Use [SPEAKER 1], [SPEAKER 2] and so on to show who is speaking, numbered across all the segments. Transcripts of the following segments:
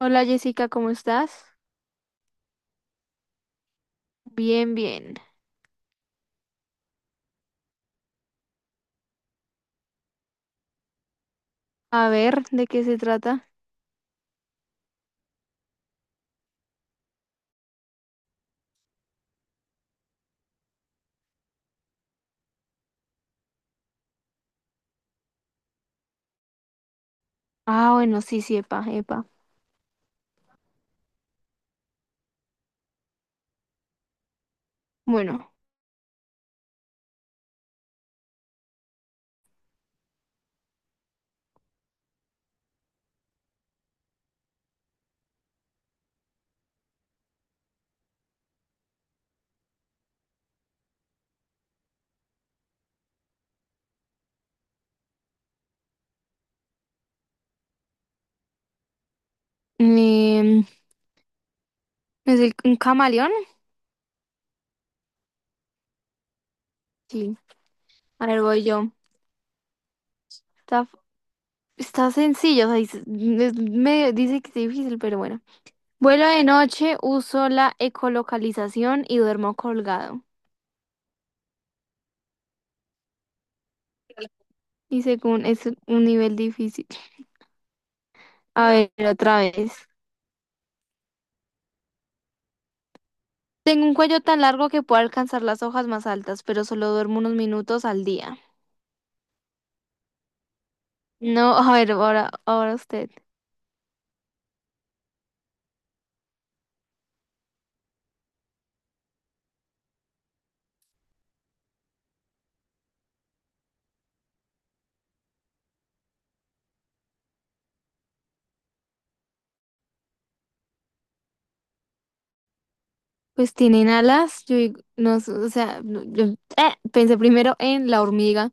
[SPEAKER 1] Hola Jessica, ¿cómo estás? Bien, bien. A ver, ¿de qué se trata? Ah, bueno, sí, sí, epa, epa. Bueno, em, ¿es el- un camaleón? Sí. A ver, voy yo. Está, está sencillo, o sea, dice- es medio- dice que es difícil, pero bueno. Vuelo de noche, uso la ecolocalización y duermo colgado. Y según es un nivel difícil. A ver, otra vez. Tengo un cuello tan largo que puedo alcanzar las hojas más altas, pero solo duermo unos minutos al día. No, a ver, ahora, ahora usted. Pues tienen alas, yo digo- no, sé, o sea, no, yo pensé primero en la hormiga,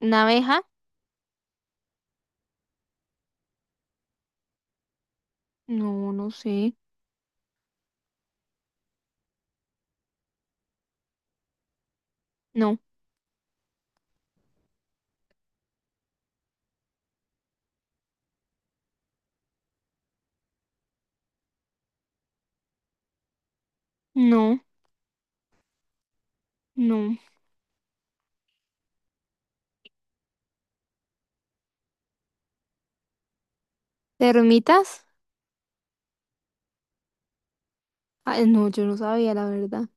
[SPEAKER 1] una abeja, no, no sé, no, no, no. ¿Termitas? Ay, no, yo no sabía la verdad.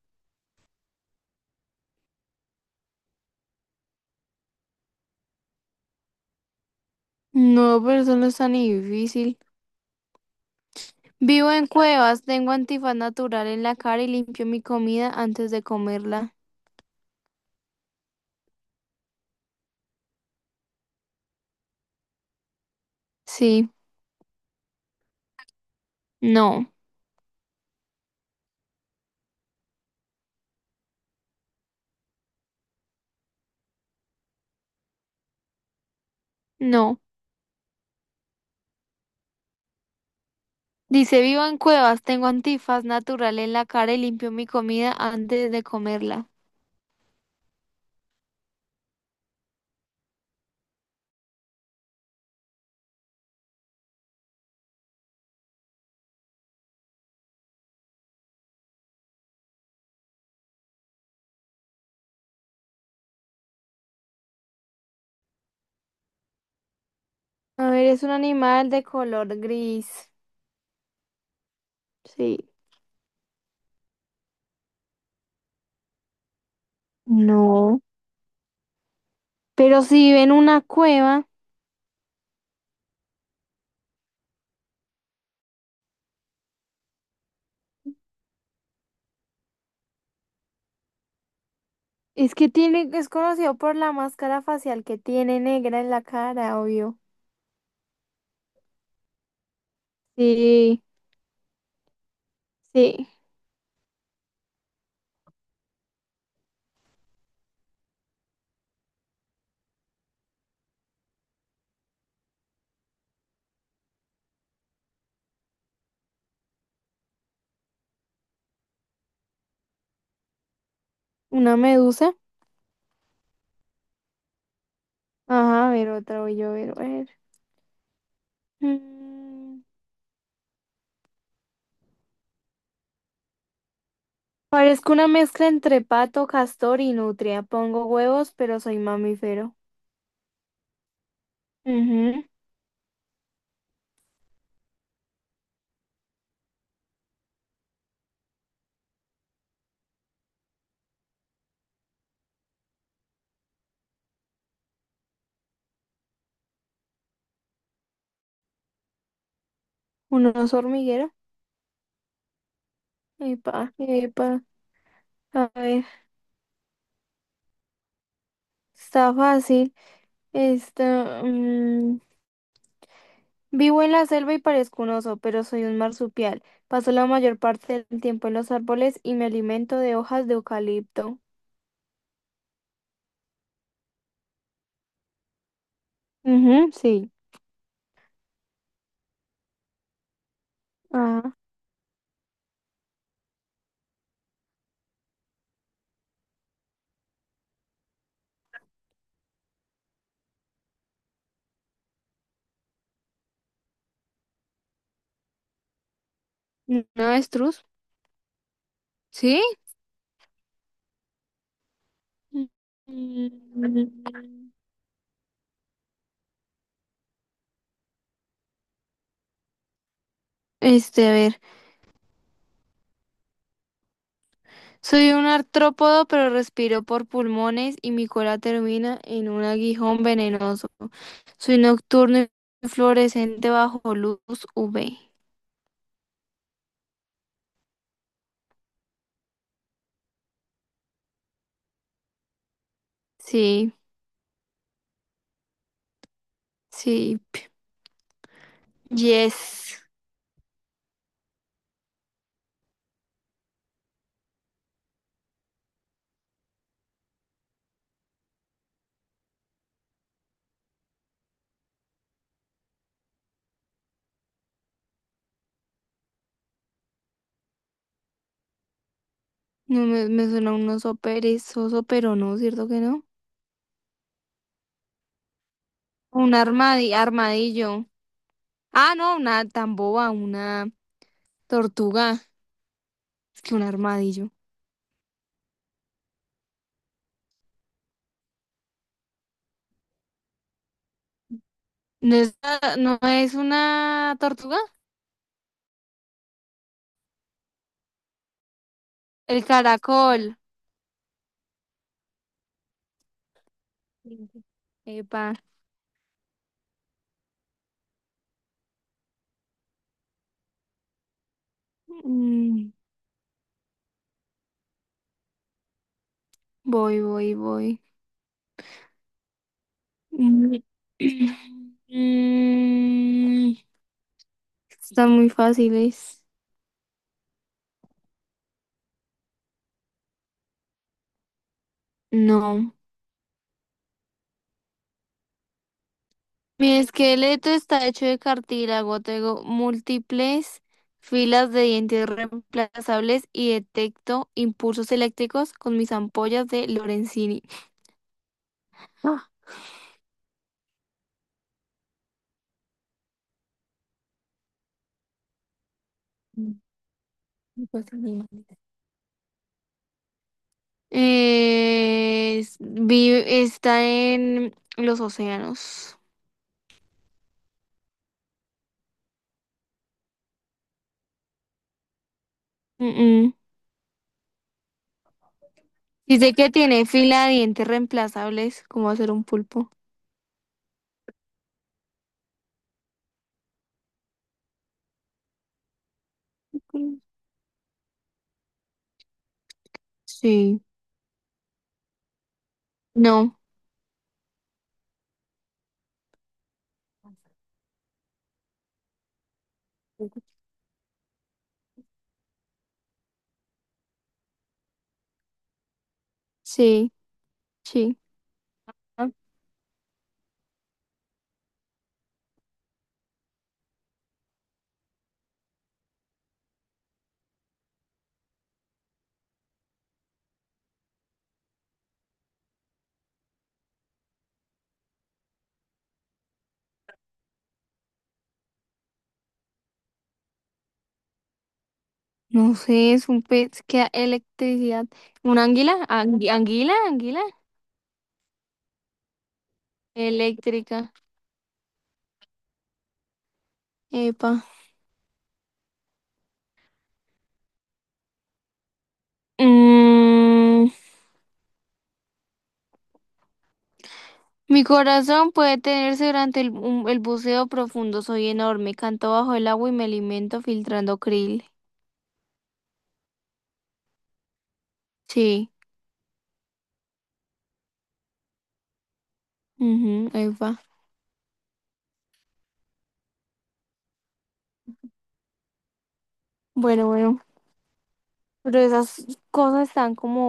[SPEAKER 1] No, pero eso no es tan difícil. Vivo en cuevas, tengo antifaz natural en la cara y limpio mi comida antes de comerla. Sí, no, no. Dice, vivo en cuevas, tengo antifaz natural en la cara y limpio mi comida antes de comerla. A ver, es un animal de color gris. Sí. No. Pero si ven una cueva, es que tiene, es conocido por la máscara facial que tiene negra en la cara, obvio. Sí, sí. Una medusa. Ajá, a ver, otra voy yo a ver, a ver. Mm, Parezco una mezcla entre pato, castor y nutria. Pongo huevos, pero soy mamífero. Ujú. Un oso hormiguero. Epa, epa. A ver, está fácil. Este, mm, vivo en la selva y parezco un oso, pero soy un marsupial. Paso la mayor parte del tiempo en los árboles y me alimento de hojas de eucalipto. Ujú, sí. Ah, un avestruz. ¿Sí? Mm. Este, a ver, soy un artrópodo, pero respiro por pulmones y mi cola termina en un aguijón venenoso. Soy nocturno y fluorescente bajo luz UV. Sí, sí, yes. No me, me suena un oso perezoso, pero no, ¿cierto que no? Un armadi- armadillo. Ah, no, una tan boba, una tortuga. Es que un armadillo. ¿No es, no es una tortuga? El caracol. Epa. Mm, voy, voy, voy. Mm. Mm, están muy fáciles. No. Mi esqueleto está hecho de cartílago, tengo múltiples filas de dientes reemplazables y detecto impulsos eléctricos con mis ampollas de Lorenzini. Ah, no puedo ser ni maldita. Es- vive- está en los océanos. Mm, mm. Dice que tiene fila de dientes reemplazables, como hacer un pulpo. Sí. No, sí, sí. No sé, es un pez que da electricidad. ¿Una anguila? Angui- ¿Anguila? ¿Anguila? Eléctrica. Epa. Mm, mi corazón puede tenerse durante el, un- el buceo profundo. Soy enorme. Canto bajo el agua y me alimento filtrando krill. Sí. Ujú, epa. Bueno, bueno. Pero esas cosas están como